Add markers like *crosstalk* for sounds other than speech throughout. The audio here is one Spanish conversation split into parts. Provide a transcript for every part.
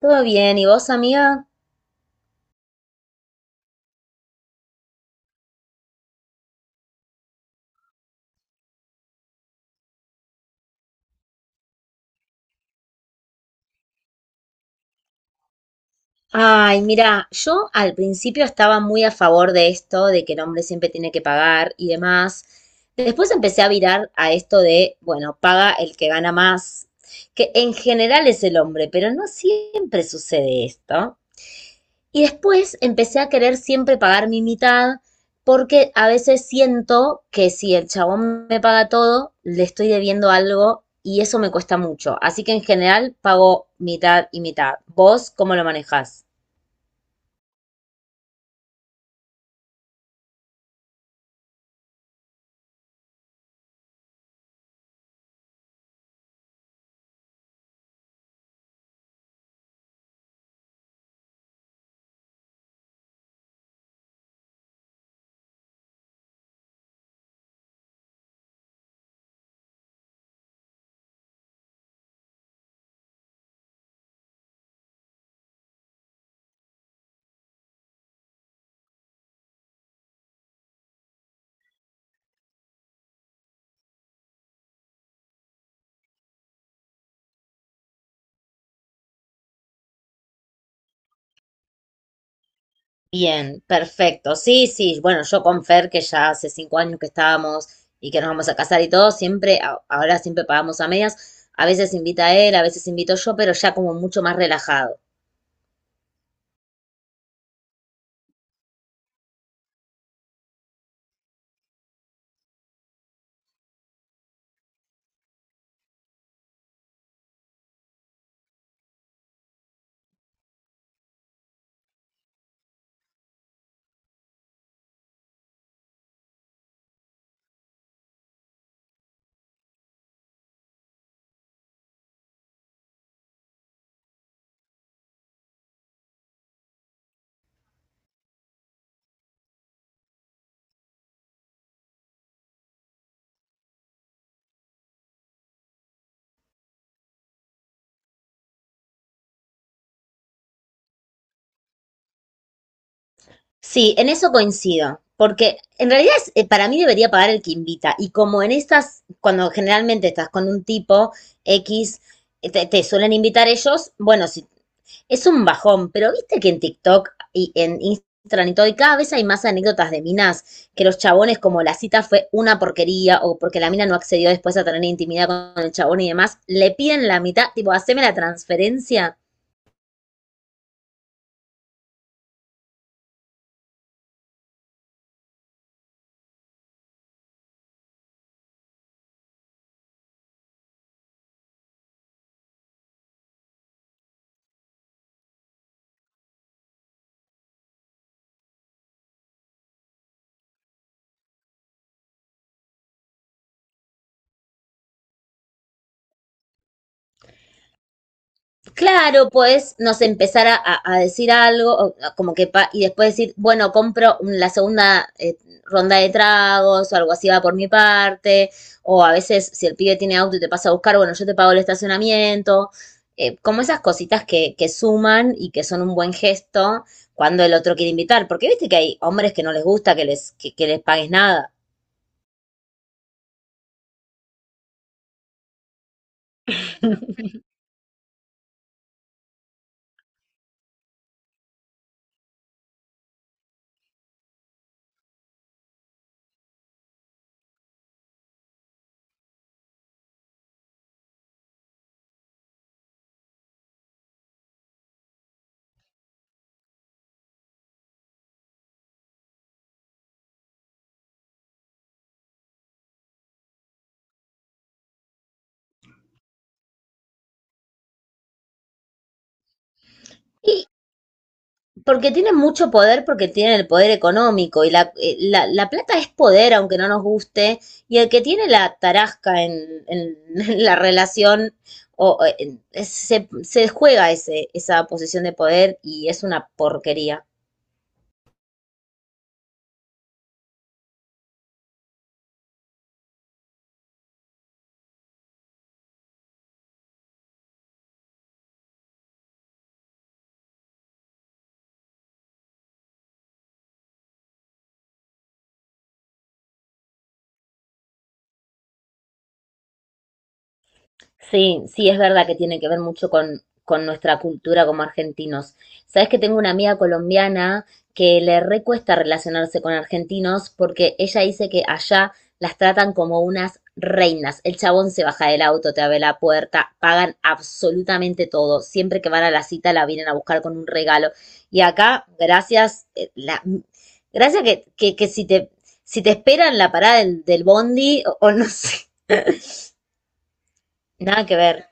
Todo bien, ¿y vos, amiga? Ay, mira, yo al principio estaba muy a favor de esto, de que el hombre siempre tiene que pagar y demás. Después empecé a virar a esto de, bueno, paga el que gana más, que en general es el hombre, pero no siempre sucede esto. Y después empecé a querer siempre pagar mi mitad, porque a veces siento que si el chabón me paga todo, le estoy debiendo algo y eso me cuesta mucho. Así que en general pago mitad y mitad. ¿Vos cómo lo manejás? Bien, perfecto. Sí, sí. Bueno, yo con Fer, que ya hace 5 años que estábamos y que nos vamos a casar y todo, siempre, ahora siempre pagamos a medias. A veces invita él, a veces invito yo, pero ya como mucho más relajado. Sí, en eso coincido, porque en realidad para mí debería pagar el que invita y como en estas, cuando generalmente estás con un tipo X, te suelen invitar ellos. Bueno, sí, es un bajón, pero viste que en TikTok y en Instagram y todo, y cada vez hay más anécdotas de minas, que los chabones como la cita fue una porquería o porque la mina no accedió después a tener intimidad con el chabón y demás, le piden la mitad, tipo, haceme la transferencia. Claro, pues nos empezar a decir algo, o como que y después decir, bueno, la segunda ronda de tragos o algo así va por mi parte, o a veces si el pibe tiene auto y te pasa a buscar, bueno, yo te pago el estacionamiento, como esas cositas que suman y que son un buen gesto cuando el otro quiere invitar, porque viste que hay hombres que no les gusta que les, que les pagues nada. Porque tienen mucho poder, porque tienen el poder económico y la plata es poder, aunque no nos guste, y el que tiene la tarasca *laughs* en la relación o, se juega esa posición de poder y es una porquería. Sí, sí, es verdad que tiene que ver mucho con nuestra cultura como argentinos. Sabes que tengo una amiga colombiana que le recuesta relacionarse con argentinos porque ella dice que allá las tratan como unas reinas. El chabón se baja del auto, te abre la puerta, pagan absolutamente todo. Siempre que van a la cita la vienen a buscar con un regalo. Y acá, gracias, gracias que si te esperan la parada del bondi o no sé, *laughs* nada que ver.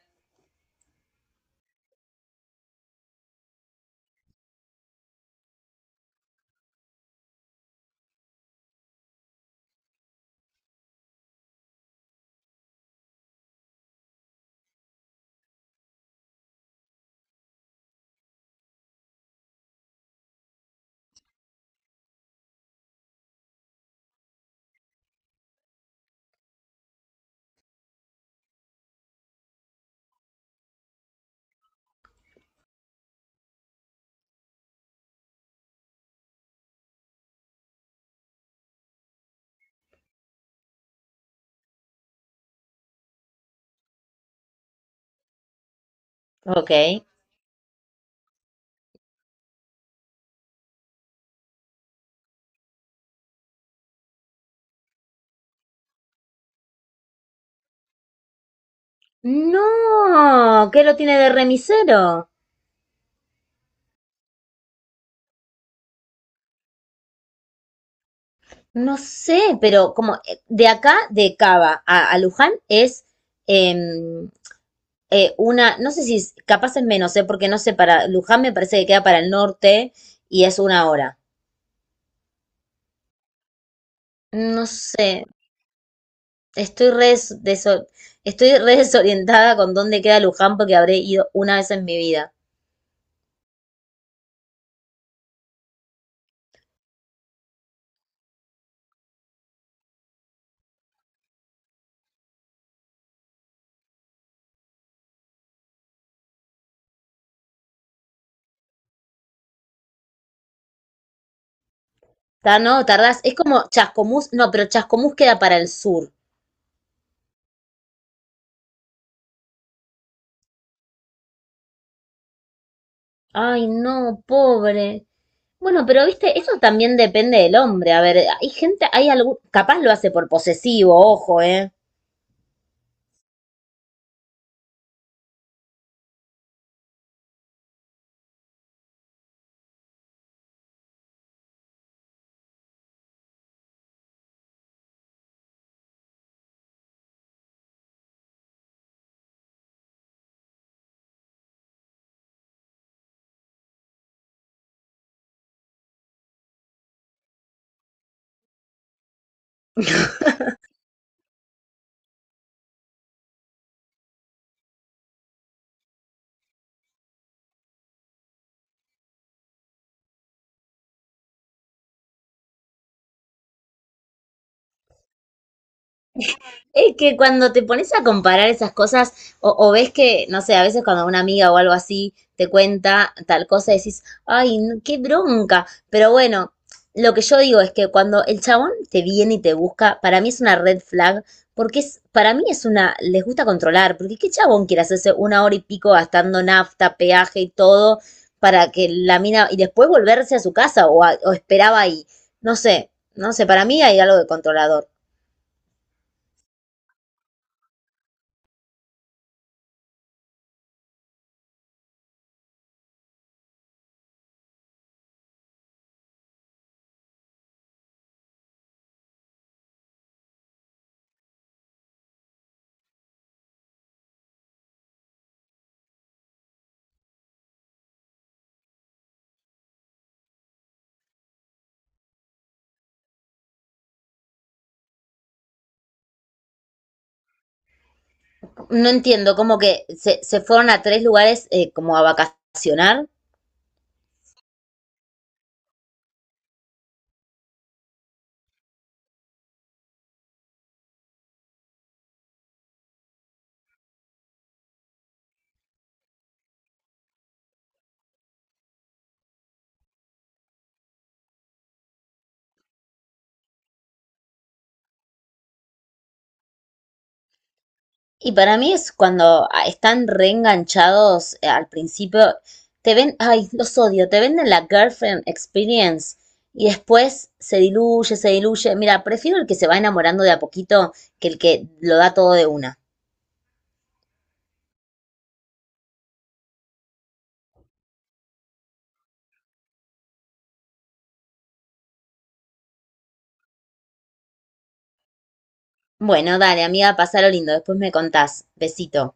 Ok. No, ¿qué lo tiene de remisero? No sé, pero como de acá, de Cava a Luján es em, una, no sé si es- capaz es menos, ¿eh? Porque no sé, para Luján me parece que queda para el norte y es 1 hora. No sé, estoy estoy re desorientada con dónde queda Luján porque habré ido una vez en mi vida. No, tardás, es como Chascomús, no, pero Chascomús queda para el sur. Ay, no, pobre. Bueno, pero viste, eso también depende del hombre. A ver, hay gente, hay algún, capaz lo hace por posesivo, ojo, ¿eh? Es que cuando te pones a comparar esas cosas, o ves que, no sé, a veces cuando una amiga o algo así te cuenta tal cosa, decís, ay, no, qué bronca. Pero bueno, lo que yo digo es que cuando el chabón te viene y te busca, para mí es una red flag, porque es, para mí es una, les gusta controlar, porque qué chabón quiere hacerse 1 hora y pico gastando nafta, peaje y todo, para que la mina, y después volverse a su casa o esperaba ahí. No sé, para mí hay algo de controlador. No entiendo, como que se fueron a tres lugares como a vacacionar. Y para mí es cuando están reenganchados al principio. Te ven, ay, los odio, te venden la girlfriend experience y después se diluye, se diluye. Mira, prefiero el que se va enamorando de a poquito que el que lo da todo de una. Bueno, dale, amiga, pasalo lindo, después me contás. Besito.